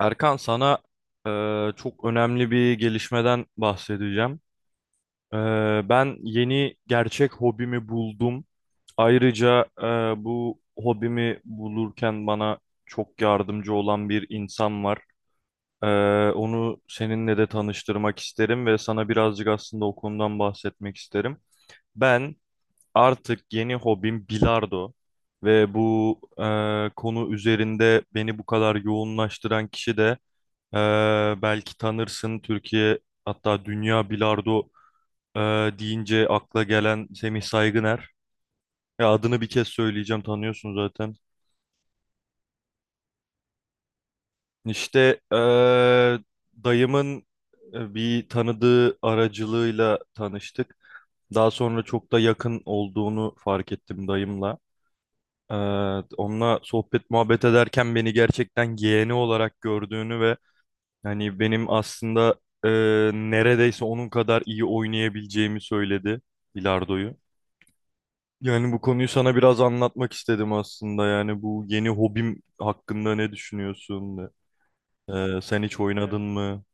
Erkan, sana çok önemli bir gelişmeden bahsedeceğim. Ben yeni gerçek hobimi buldum. Ayrıca bu hobimi bulurken bana çok yardımcı olan bir insan var. Onu seninle de tanıştırmak isterim ve sana birazcık aslında o konudan bahsetmek isterim. Ben artık yeni hobim bilardo ve bu konu üzerinde beni bu kadar yoğunlaştıran kişi de ee, belki tanırsın, Türkiye hatta dünya bilardo e, deyince akla gelen Semih Saygıner. Ya adını bir kez söyleyeceğim, tanıyorsun zaten. İşte dayımın bir tanıdığı aracılığıyla tanıştık. Daha sonra çok da yakın olduğunu fark ettim dayımla. Ee, Onunla sohbet muhabbet ederken beni gerçekten yeğeni olarak gördüğünü ve yani benim aslında e, neredeyse onun kadar iyi oynayabileceğimi söyledi bilardoyu. Yani bu konuyu sana biraz anlatmak istedim aslında. Yani bu yeni hobim hakkında ne düşünüyorsun? E, sen hiç oynadın, evet, mı?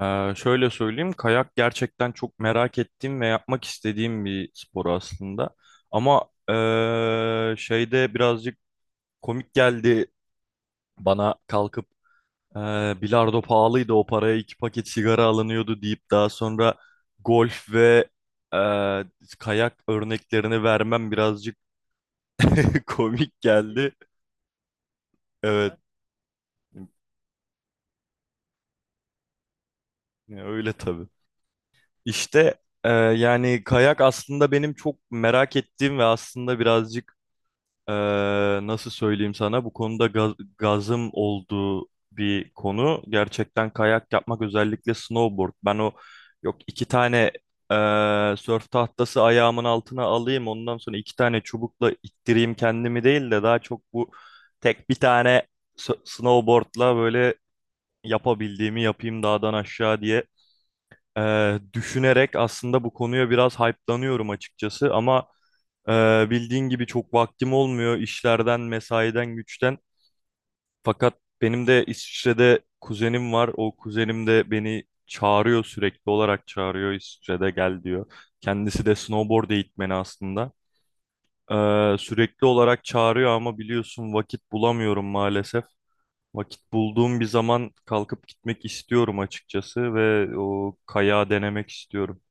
E, şöyle söyleyeyim, kayak gerçekten çok merak ettiğim ve yapmak istediğim bir spor aslında. Ama şeyde birazcık komik geldi bana, kalkıp bilardo pahalıydı, o paraya iki paket sigara alınıyordu deyip daha sonra golf ve e, kayak örneklerini vermem birazcık komik geldi. Evet, ya öyle tabii. İşte yani kayak aslında benim çok merak ettiğim ve aslında birazcık Ee, nasıl söyleyeyim sana, bu konuda gazım olduğu bir konu. Gerçekten kayak yapmak, özellikle snowboard. Ben o yok, iki tane ee, sörf tahtası ayağımın altına alayım, ondan sonra iki tane çubukla ittireyim kendimi değil de daha çok bu tek bir tane snowboardla böyle yapabildiğimi yapayım dağdan aşağı diye düşünerek aslında bu konuya biraz hype'lanıyorum açıkçası, ama bildiğin gibi çok vaktim olmuyor işlerden, mesaiden, güçten. Fakat benim de İsviçre'de kuzenim var. O kuzenim de beni çağırıyor, sürekli olarak çağırıyor, İsviçre'de gel diyor. Kendisi de snowboard eğitmeni aslında. Sürekli olarak çağırıyor ama biliyorsun, vakit bulamıyorum maalesef. Vakit bulduğum bir zaman kalkıp gitmek istiyorum açıkçası ve o kayağı denemek istiyorum.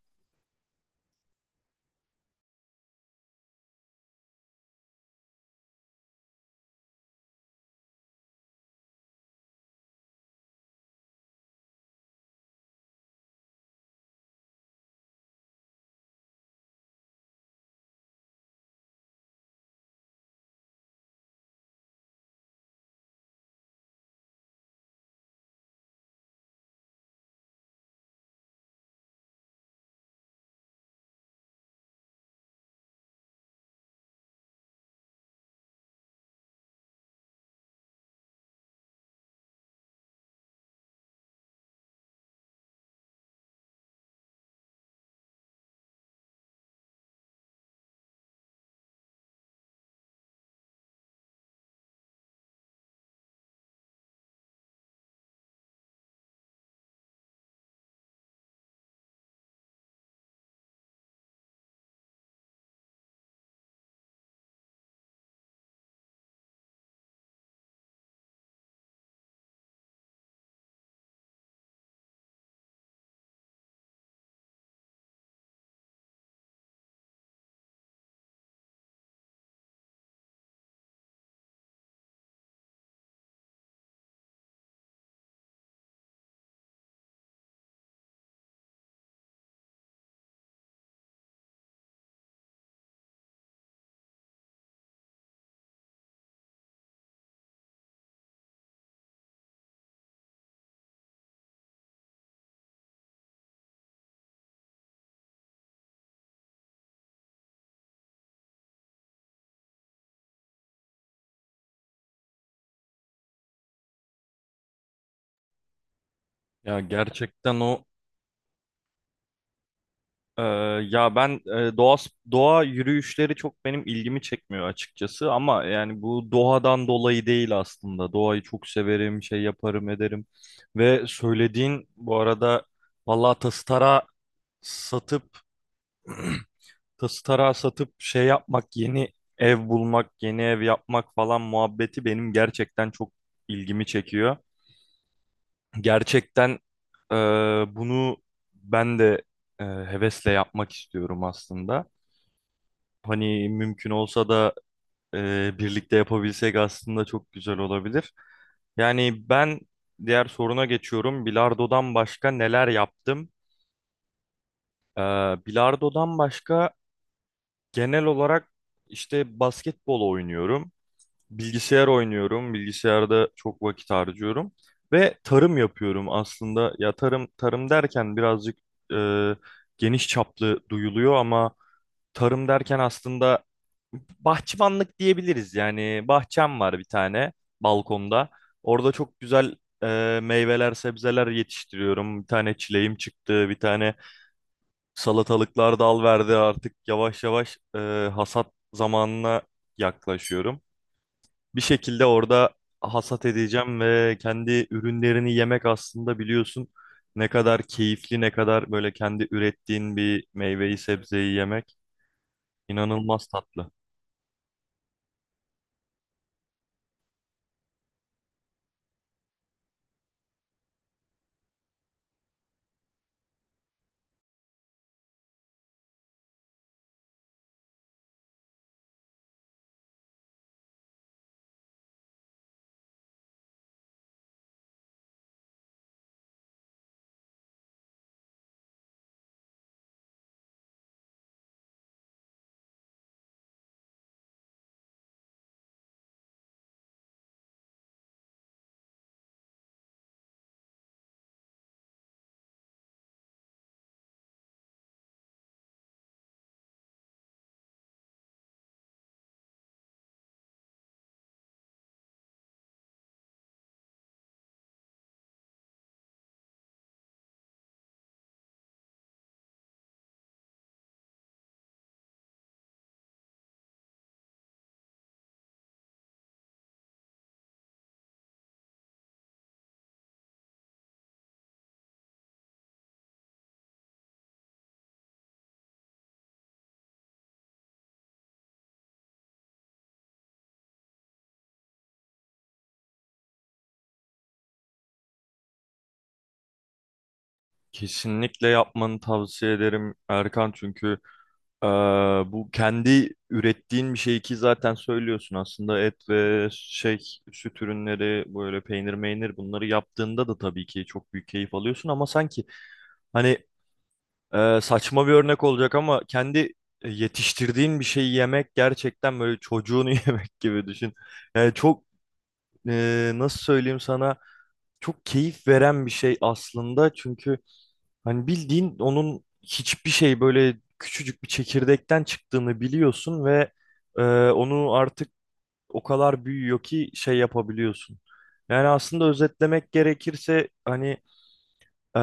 Ya gerçekten o Ee, ya ben doğa yürüyüşleri çok benim ilgimi çekmiyor açıkçası, ama yani bu doğadan dolayı değil aslında. Doğayı çok severim, şey yaparım, ederim. Ve söylediğin bu arada, vallahi satıp tası tarağı satıp şey yapmak, yeni ev bulmak, yeni ev yapmak falan muhabbeti benim gerçekten çok ilgimi çekiyor. Gerçekten e, bunu ben de hevesle yapmak istiyorum aslında. Hani mümkün olsa da birlikte yapabilsek aslında çok güzel olabilir. Yani ben diğer soruna geçiyorum. Bilardo'dan başka neler yaptım? Ee, Bilardo'dan başka genel olarak işte basketbol oynuyorum. Bilgisayar oynuyorum. Bilgisayarda çok vakit harcıyorum. Ve tarım yapıyorum aslında. Ya tarım tarım derken birazcık e, geniş çaplı duyuluyor, ama tarım derken aslında bahçıvanlık diyebiliriz. Yani bahçem var bir tane, balkonda. Orada çok güzel meyveler, sebzeler yetiştiriyorum. Bir tane çileğim çıktı, bir tane salatalıklar dal verdi. Artık yavaş yavaş hasat zamanına yaklaşıyorum. Bir şekilde orada hasat edeceğim ve kendi ürünlerini yemek, aslında biliyorsun ne kadar keyifli, ne kadar böyle kendi ürettiğin bir meyveyi, sebzeyi yemek inanılmaz tatlı. Kesinlikle yapmanı tavsiye ederim Erkan, çünkü eee, bu kendi ürettiğin bir şey ki, zaten söylüyorsun aslında et ve şey, süt ürünleri, böyle peynir meynir bunları yaptığında da tabii ki çok büyük keyif alıyorsun, ama sanki hani saçma bir örnek olacak ama kendi yetiştirdiğin bir şeyi yemek gerçekten böyle çocuğunu yemek gibi düşün. Yani çok nasıl söyleyeyim sana, çok keyif veren bir şey aslında, çünkü hani bildiğin onun hiçbir şey, böyle küçücük bir çekirdekten çıktığını biliyorsun ve e, onu artık o kadar büyüyor ki şey yapabiliyorsun. Yani aslında özetlemek gerekirse hani e,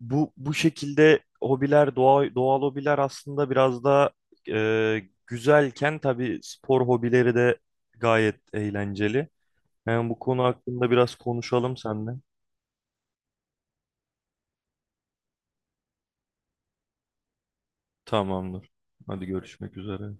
bu şekilde hobiler, doğa, doğal hobiler aslında biraz da e, güzelken, tabii spor hobileri de gayet eğlenceli. Yani bu konu hakkında biraz konuşalım seninle. Tamamdır. Hadi, görüşmek üzere.